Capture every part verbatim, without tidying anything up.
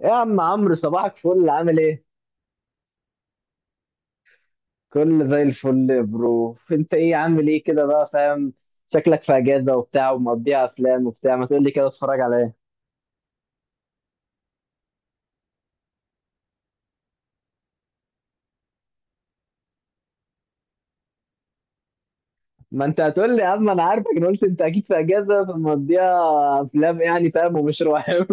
يا عم عمرو، صباحك فل، عامل ايه؟ كله زي الفل يا برو. انت ايه عامل ايه كده بقى فاهم؟ شكلك في اجازه وبتاع ومقضيها افلام وبتاع. ما تقول لي كده اتفرج على ايه؟ ما انت هتقول لي يا عم، انا عارفك. انا قلت انت اكيد في اجازه فمقضيها افلام يعني فاهم، ومش رواية.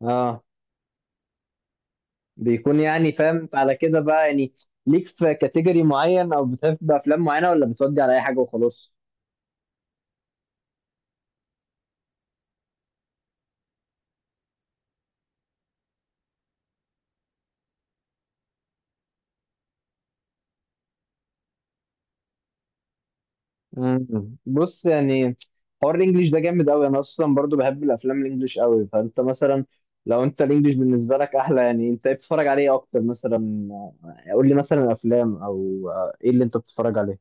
اه، بيكون يعني فاهم على كده بقى يعني. ليك في كاتيجوري معين او بتحب افلام معينه، ولا بتودي على اي حاجه وخلاص؟ مم. بص يعني، حوار الانجليش ده جامد قوي. انا اصلا برضو بحب الافلام الانجليش قوي. فانت مثلا لو انت الانجليش بالنسبه لك احلى، يعني انت إيه بتتفرج عليه إيه اكتر مثلا؟ قول لي مثلا افلام او ايه اللي انت بتتفرج عليه.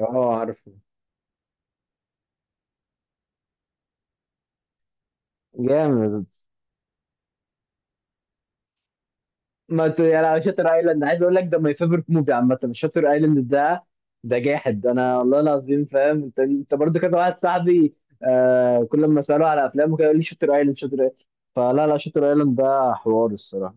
اه، عارفه. جامد. ما ت... يعني على شاتر ايلاند، عايز اقول لك ده ماي فيفورت موفي عامه، شاتر ايلاند ده. ده جاحد انا والله العظيم، فاهم؟ انت انت برضو كذا واحد صاحبي، آه، كل ما اساله على افلامه كده يقول لي شاتر ايلاند، شاتر ايلاند. فلا لا، شاتر ايلاند ده حوار الصراحه.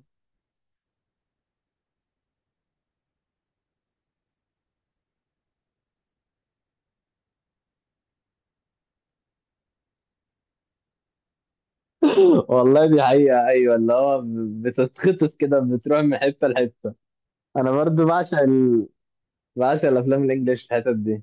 والله دي حقيقة، أيوة، اللي هو بتتخطف كده، بتروح من حتة لحتة. أنا برضو بعشق ال... بعشق الأفلام الإنجليش في الحتت دي. أنت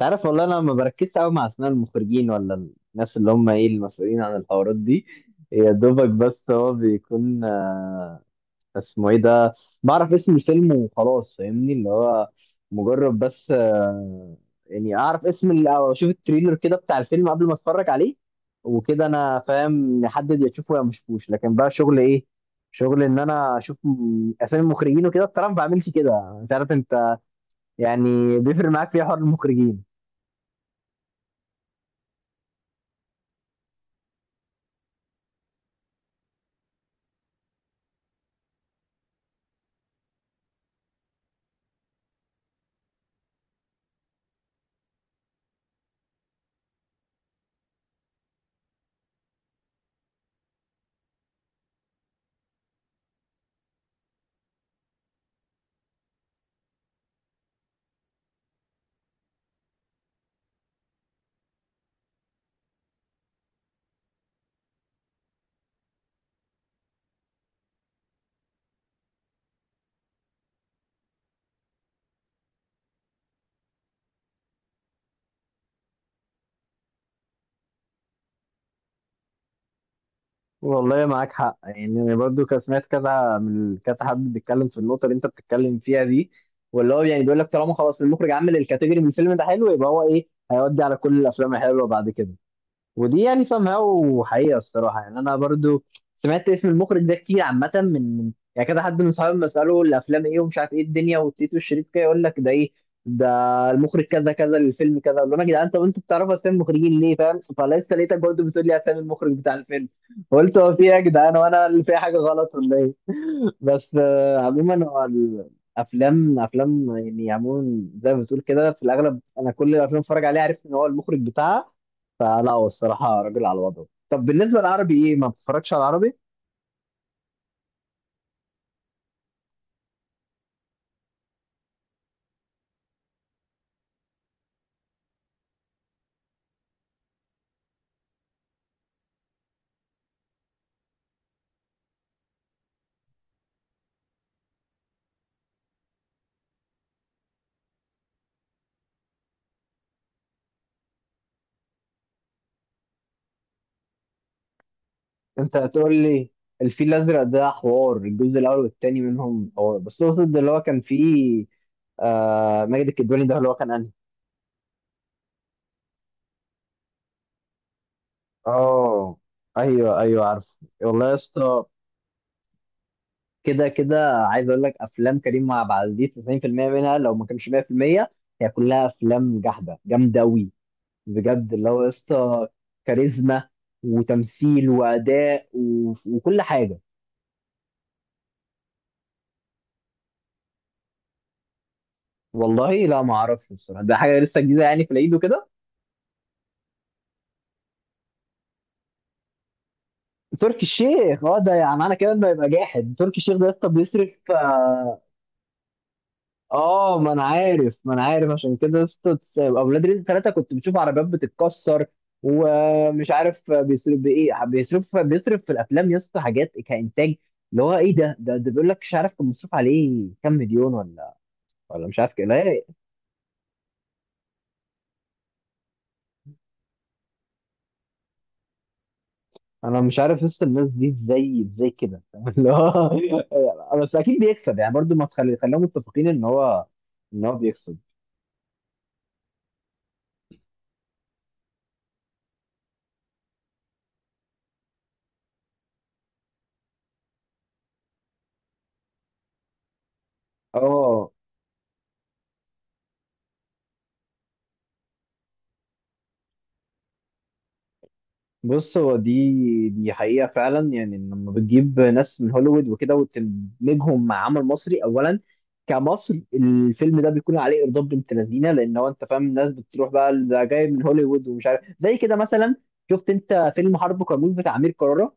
عارف والله أنا ما بركزش أوي مع أسماء المخرجين، ولا الناس اللي هم إيه المسؤولين عن الحوارات دي. يا دوبك بس هو بيكون اسمه ايه ده. بعرف اسم الفيلم وخلاص، فاهمني؟ اللي هو مجرد بس آه، يعني اعرف اسم ال- او اشوف التريلر كده بتاع الفيلم قبل ما اتفرج عليه، وكده انا فاهم، نحدد يا تشوفه يا ما اشوفوش. لكن بقى شغل ايه؟ شغل ان انا اشوف م- اسامي المخرجين وكده، بصراحه ما بعملش كده. انت عارف انت يعني بيفرق معاك في إيه حوار المخرجين؟ والله معاك حق. يعني انا برضو كان سمعت كذا من كذا حد بيتكلم في النقطه اللي انت بتتكلم فيها دي، واللي هو يعني بيقول لك طالما خلاص المخرج عمل الكاتيجوري من الفيلم ده حلو، يبقى هو ايه، هيودي على كل الافلام الحلوه بعد كده. ودي يعني somehow حقيقة الصراحة. يعني أنا برضو سمعت اسم المخرج ده كتير عامة، من من- يعني كذا حد من صحابي لما أسأله الأفلام إيه ومش عارف إيه الدنيا والتيت والشريط كده، يقول لك ده إيه، ده المخرج كذا كذا للفيلم كذا. أقول لهم يا جدعان طب أنتوا بتعرفوا أسامي المخرجين ليه، فاهم؟ فلسه لقيتك برضو بتقول لي أسامي المخرج بتاع الفيلم. قلت هو في إيه يا جدعان، وأنا اللي فيها حاجة غلط ولا إيه؟ بس آه، عموما هو الأفلام أفلام يعني. عموما زي ما بتقول كده، في الأغلب أنا كل الأفلام اللي بتفرج عليها عرفت إن هو المخرج بتاعها. فلا، هو الصراحة راجل على وضعه. طب بالنسبة للعربي ايه، ما بتتفرجش على العربي؟ انت هتقول لي الفيل الازرق، ده حوار الجزء الاول والتاني منهم. هو بس اقصد اللي هو كان فيه آه ماجد الكدواني، ده اللي هو كان انهي. اه، ايوه ايوه عارف. والله يا اسطى، كده كده عايز اقول لك افلام كريم عبد العزيز تسعين في المية منها لو ما كانش مية في المية، هي كلها افلام جحده جامده قوي بجد. اللي هو يا اسطى كاريزما وتمثيل واداء و... وكل حاجه. والله لا ما اعرفش الصراحه، ده حاجه لسه جديده يعني في العيد وكده. تركي الشيخ، اه، ده يعني معنى كده انه يبقى جاحد. تركي الشيخ ده يا اسطى بيصرف. اه، ما انا عارف، ما انا عارف. عشان كده يا اسطى تس- اولاد رزق ثلاثه كنت بتشوف عربيات بتتكسر ومش عارف بيصرف بايه. بيصرف، بيصرف في الافلام يا اسطى حاجات كانتاج. اللي هو ايه ده، ده, ده بيقول لك مش عارف كان مصروف عليه كام مليون، ولا ولا مش عارف كده، لا. انا مش عارف لسه الناس دي ازاي، ازاي كده. اللي هو بس اكيد بيكسب يعني، برضو ما تخلي خليهم متفقين ان هو، ان هو بيكسب. اه. بص، هو دي دي حقيقة فعلا، يعني إن لما بتجيب ناس من هوليوود وكده وتدمجهم مع عمل مصري، أولا كمصر الفيلم ده بيكون عليه إرضاء بنت لذينة. لأن هو أنت فاهم الناس بتروح بقى، ده جاي من هوليوود ومش عارف، زي كده مثلا. شفت أنت فيلم حرب كرموز بتاع أمير كرارة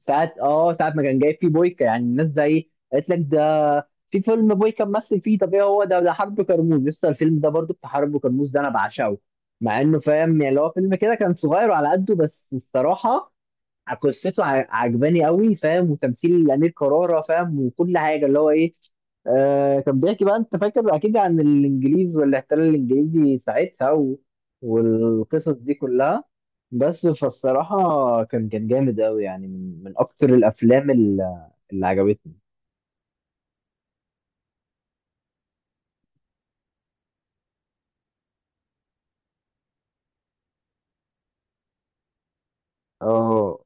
ساعة؟ اه ساعة ما كان جايب فيه بويكا، يعني الناس زي قالت لك ده في فيلم بويكا ممثل فيه. طب ايه هو ده؟ ده حرب كرموز، لسه الفيلم ده برضو بتاع حرب كرموز ده انا بعشقه. مع انه فاهم يعني اللي هو فيلم كده كان صغير وعلى قده، بس الصراحة قصته ع- عجباني قوي فاهم، وتمثيل امير كرارة فاهم، وكل حاجه اللي هو ايه. آه كان بيحكي بقى، انت فاكر اكيد، عن الانجليز والاحتلال الانجليزي ساعتها و... والقصص دي كلها. بس فالصراحه كان كان جامد قوي يعني، من من اكتر الافلام اللي, اللي عجبتني. اه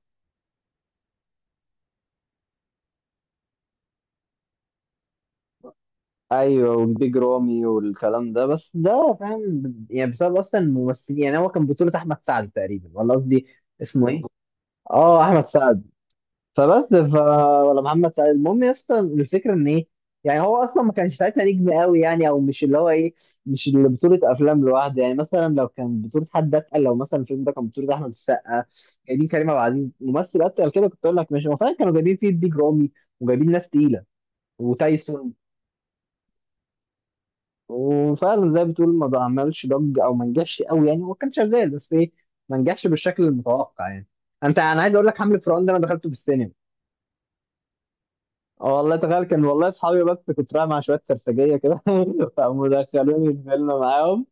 ايوه، وبيج رامي والكلام ده. بس ده فاهم يعني بسبب اصلا الممثلين. يعني هو كان بطولة احمد سعد تقريبا، ولا قصدي اسمه ايه؟ اه، احمد سعد. فبس ف ولا محمد سعيد. المهم يا اسطى، الفكره ان ايه، يعني هو اصلا ما كانش ساعتها نجم قوي يعني، او مش اللي هو ايه، مش اللي بطوله افلام لوحده. يعني مثلا لو كان بطوله حد اتقل، لو مثلا الفيلم ده كان بطوله احمد السقا، جايبين كريم عبد العزيز ممثل اتقل كده، كنت اقول لك ماشي. هو فعلا كانوا جايبين فيه بيج رامي وجايبين ناس تقيله وتايسون، وفعلا زي ما بتقول ما عملش ضج او ما نجحش قوي يعني. هو كان شغال بس ايه، ما نجحش بالشكل المتوقع يعني. انت، انا عايز اقول لك حمله فرعون ده انا دخلته في السينما. اه والله تخيل، كان والله اصحابي، بس كنت رايح مع شويه سرسجيه كده فقاموا دخلوني الفيلم معاهم.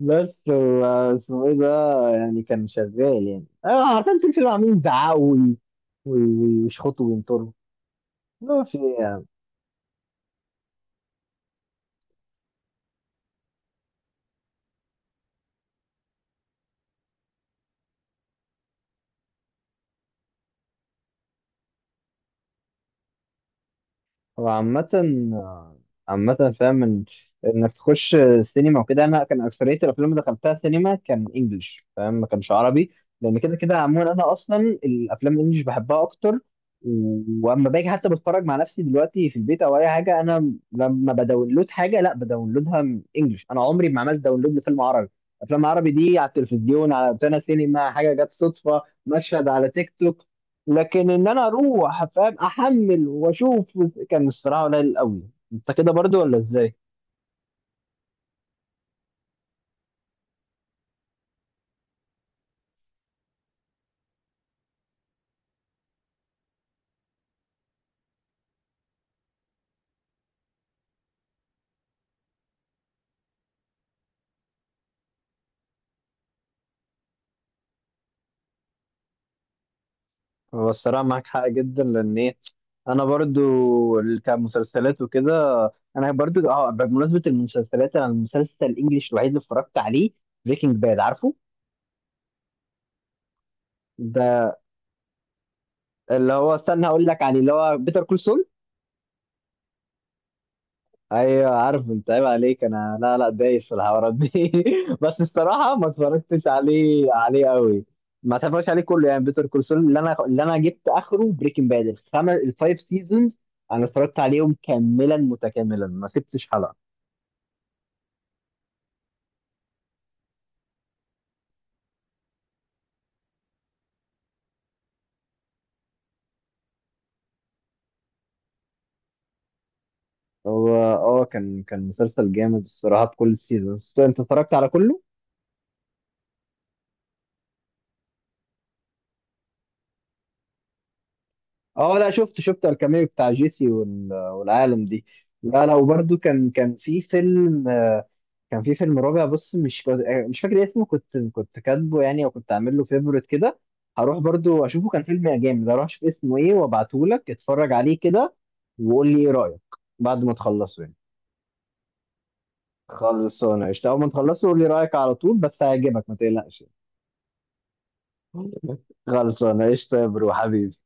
بس و- اسمه ايه ده، يعني كان شغال. يعني انا عارفين طول الفيلم عاملين يزعقوا وي- وي- ويشخطوا وينطروا. ما في. هو عامة، عامة فاهم إن- انك تخش سينما وكده، انا كان اكثرية الافلام اللي دخلتها سينما كان انجلش فاهم، ما كانش عربي. لان كده كده عموما انا اصلا الافلام الانجليش بحبها اكتر و- واما باجي حتى بتفرج مع نفسي دلوقتي في البيت او اي حاجة، انا لما بداونلود حاجة لا، بداونلودها من انجلش. انا عمري ما عملت داونلود لفيلم عربي. افلام عربي دي على التلفزيون، على روتانا سينما، حاجة جت صدفة، مشهد على تيك توك. لكن ان انا اروح فاهم احمل واشوف، كان الصراحه قليل قوي. انت كده برضو ولا ازاي؟ هو الصراحه معاك حق جدا، لان ايه، انا برضو ال- كمسلسلات وكده. انا برضو، اه، بمناسبه المسلسلات، انا المسلسل الانجليش الوحيد اللي اتفرجت عليه بريكنج باد، عارفه؟ ده اللي هو، استنى هقول لك عليه، اللي هو بيتر كول. ايوه عارف، انت عيب عليك. انا لا لا، دايس في الحوارات دي. بس الصراحه ما اتفرجتش عليه عليه قوي. ما اتفرجتش عليه كله يعني بيتر كول سول، اللي انا، اللي انا جبت اخره بريكنج باد، الخمس الفايف سيزونز انا اتفرجت عليهم كاملا متكاملا، ما سبتش حلقه. هو اه، كان كان مسلسل جامد الصراحه. بكل السيزونز انت اتفرجت على كله؟ اه لا، شفت شفت الكاميو بتاع جيسي وال... والعالم دي. لا لا، وبرده كان كان في فيلم آه، كان في فيلم رابع. بص، مش مش فاكر اسمه، كنت كنت كاتبه يعني او كنت عامل له فيفورت كده. هروح برضو اشوفه، كان فيلم جامد. هروح اشوف اسمه ايه وابعته لك اتفرج عليه كده، وقول لي ايه رايك بعد ما تخلصه يعني. خلصانه قشطه. اول ما تخلصه قول لي رايك على طول، بس هيعجبك ما تقلقش. خلصانه قشطه يا برو حبيبي.